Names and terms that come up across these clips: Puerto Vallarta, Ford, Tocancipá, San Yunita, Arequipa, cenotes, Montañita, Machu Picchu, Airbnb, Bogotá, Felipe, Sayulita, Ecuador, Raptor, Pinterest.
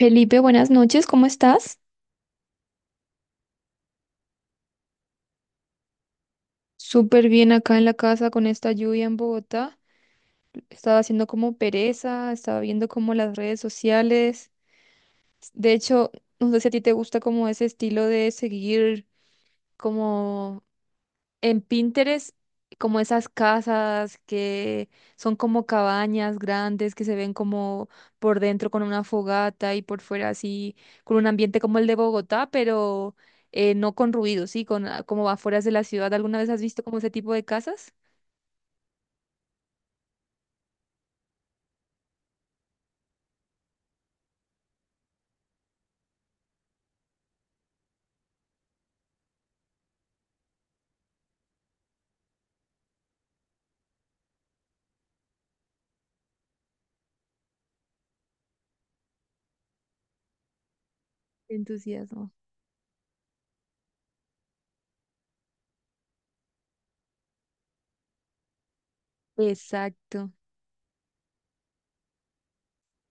Felipe, buenas noches, ¿cómo estás? Súper bien acá en la casa con esta lluvia en Bogotá. Estaba haciendo como pereza, estaba viendo como las redes sociales. De hecho, no sé si a ti te gusta como ese estilo de seguir como en Pinterest, como esas casas que son como cabañas grandes que se ven como por dentro con una fogata y por fuera así, con un ambiente como el de Bogotá, pero no con ruido, sí, con como afueras de la ciudad. ¿Alguna vez has visto como ese tipo de casas? Entusiasmo. Exacto,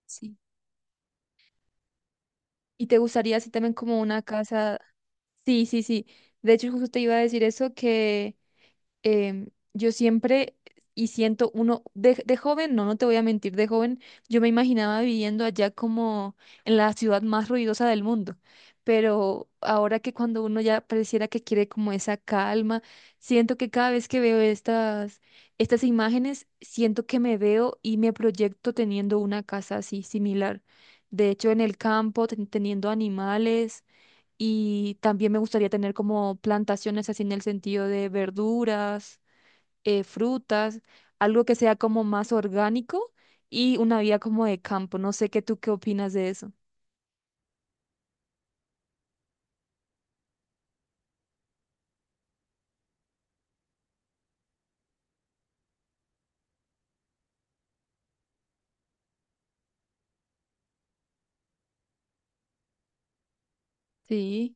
sí. ¿Y te gustaría así también como una casa? Sí, sí, sí. De hecho, justo te iba a decir eso que yo siempre y siento uno, de joven, no, no te voy a mentir, de joven yo me imaginaba viviendo allá como en la ciudad más ruidosa del mundo, pero ahora que cuando uno ya pareciera que quiere como esa calma, siento que cada vez que veo estas imágenes, siento que me veo y me proyecto teniendo una casa así similar. De hecho, en el campo, teniendo animales. Y también me gustaría tener como plantaciones así en el sentido de verduras frutas, algo que sea como más orgánico y una vida como de campo. No sé qué tú qué opinas de eso. Sí,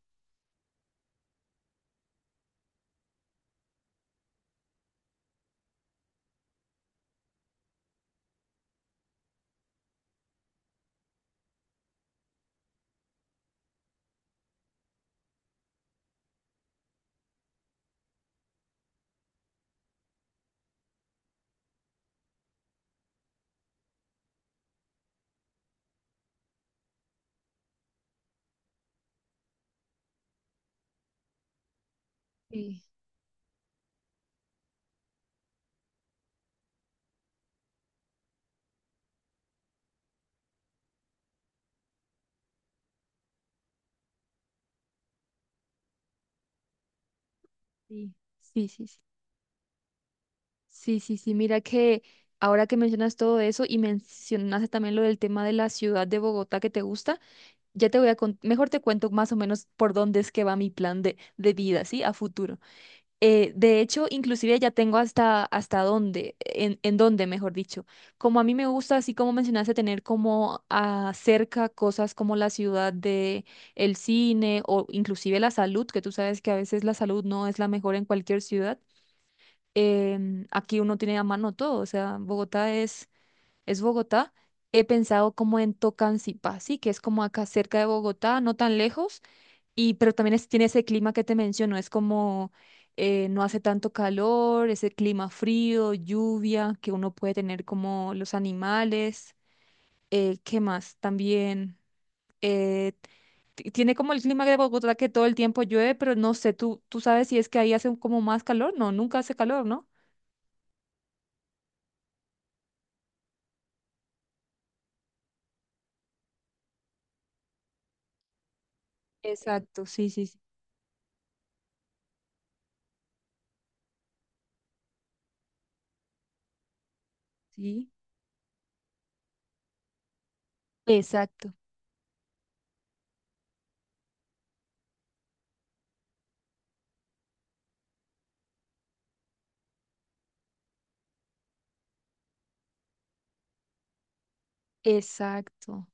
sí, sí, sí, sí, sí, sí, sí, sí, mira que ahora que mencionas todo eso y mencionaste también lo del tema de la ciudad de Bogotá que te gusta, ya te voy a contar, mejor te cuento más o menos por dónde es que va mi plan de vida, ¿sí? A futuro. De hecho, inclusive ya tengo hasta, hasta dónde, en dónde, mejor dicho. Como a mí me gusta, así como mencionaste, tener como cerca cosas como la ciudad de el cine o inclusive la salud, que tú sabes que a veces la salud no es la mejor en cualquier ciudad. Aquí uno tiene a mano todo, o sea, es Bogotá. He pensado como en Tocancipá, sí, que es como acá cerca de Bogotá, no tan lejos y, pero también tiene ese clima que te menciono, es como no hace tanto calor, ese clima frío, lluvia que uno puede tener como los animales. ¿Qué más? También eh, tiene como el clima de Bogotá que todo el tiempo llueve, pero no sé, tú sabes si es que ahí hace como más calor. No, nunca hace calor, ¿no? Exacto, sí, sí, sí. Sí. Exacto, exacto,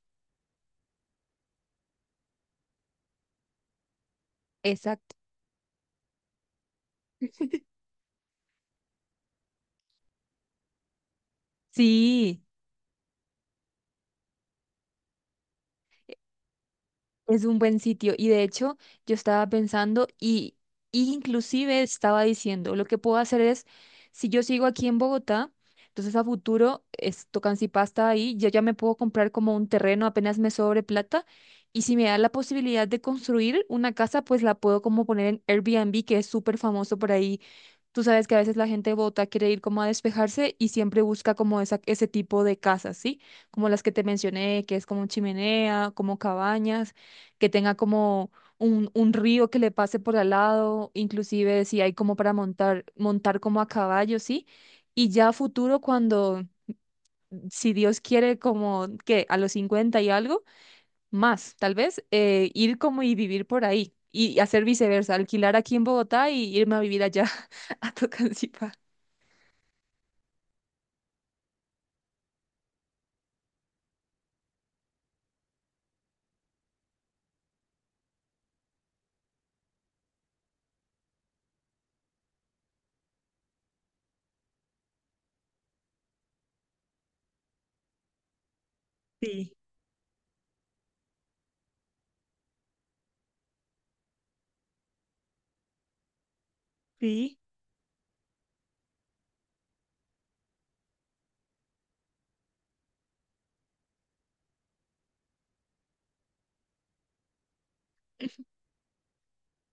exacto. Sí. Es un buen sitio y de hecho yo estaba y inclusive estaba diciendo, lo que puedo hacer es, si yo sigo aquí en Bogotá, entonces a futuro es Tocancipasta ahí, yo ya me puedo comprar como un terreno apenas me sobre plata y si me da la posibilidad de construir una casa, pues la puedo como poner en Airbnb, que es súper famoso por ahí. Tú sabes que a veces la gente de Bogotá quiere ir como a despejarse y siempre busca como esa, ese tipo de casas, ¿sí? Como las que te mencioné, que es como chimenea, como cabañas, que tenga como un río que le pase por al lado, inclusive si hay como para montar como a caballo, ¿sí? Y ya a futuro, cuando, si Dios quiere, como que a los 50 y algo, más, tal vez, ir como y vivir por ahí. Y hacer viceversa, alquilar aquí en Bogotá y irme a vivir allá a Tocancipá. Sí, sí,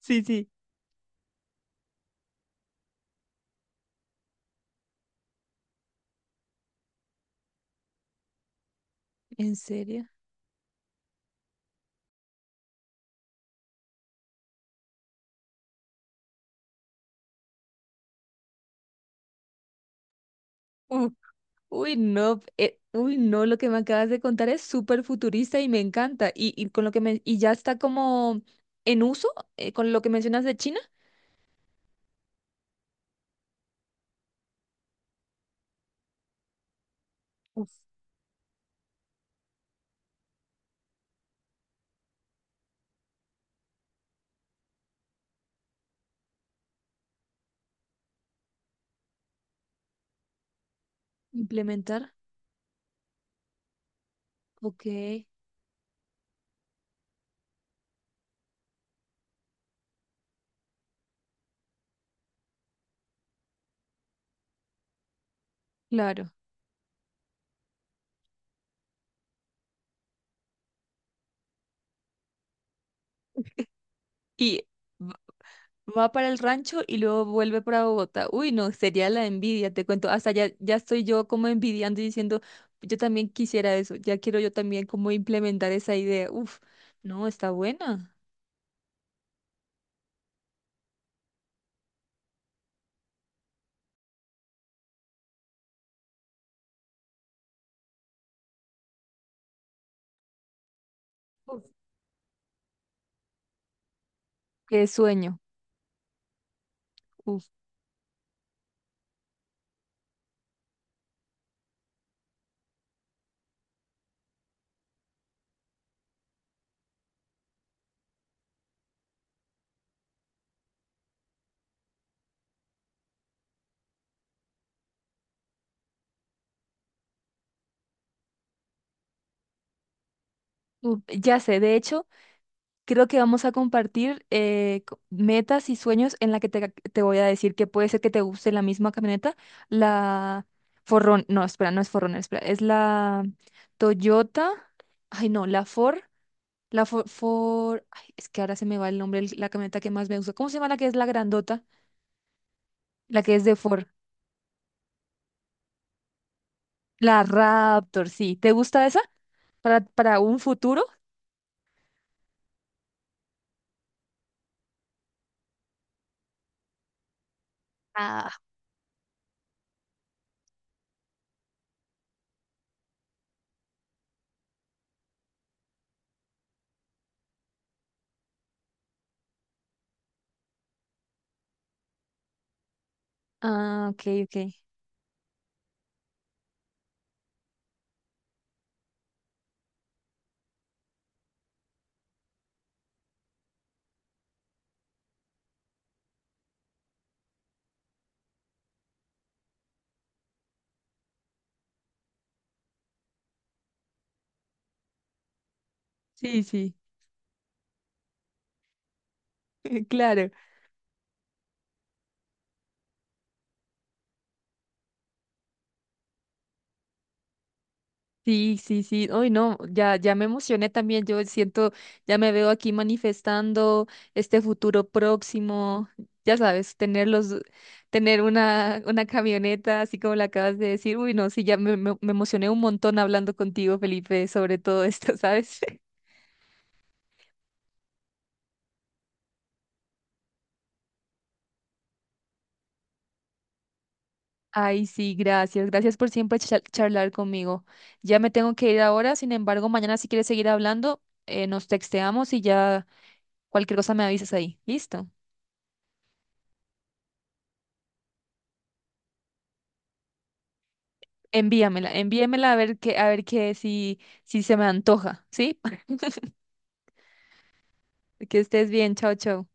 sí, sí. ¿En serio? Uf, uy, no, uy, no, lo que me acabas de contar es súper futurista y me encanta. Y con lo que me, y ya está como en uso, con lo que mencionas de China. Uf. Implementar. Ok, claro. Y va va para el rancho y luego vuelve para Bogotá. Uy, no, sería la envidia, te cuento. Hasta ya, ya estoy yo como envidiando y diciendo, yo también quisiera eso, ya quiero yo también como implementar esa idea. Uf, no, está buena. Qué sueño. Uf, uf, ya sé, de hecho, creo que vamos a compartir metas y sueños en la que te voy a decir que puede ser que te guste la misma camioneta, la Forrón, no, espera, no es Forrón, espera, es la Toyota, ay no, la Ford, la Ford, ay, es que ahora se me va el nombre, la camioneta que más me gusta. ¿Cómo se llama la que es la grandota? La que es de Ford, la Raptor, sí. ¿Te gusta esa? Para un futuro. Ah, ah, ok, ok. Sí, sí. Claro, sí, sí, sí. Hoy no, ya, ya me emocioné también. Yo siento, ya me veo aquí manifestando este futuro próximo. Ya sabes, tener una camioneta, así como la acabas de decir. Uy, no, sí, ya me emocioné un montón hablando contigo, Felipe, sobre todo esto, ¿sabes? Ay, sí, gracias. Gracias por siempre charlar conmigo. Ya me tengo que ir ahora, sin embargo, mañana si quieres seguir hablando, nos texteamos y ya cualquier cosa me avisas ahí. ¿Listo? Envíamela, envíamela a ver qué, si se me antoja, ¿sí? Que estés bien, chao, chao.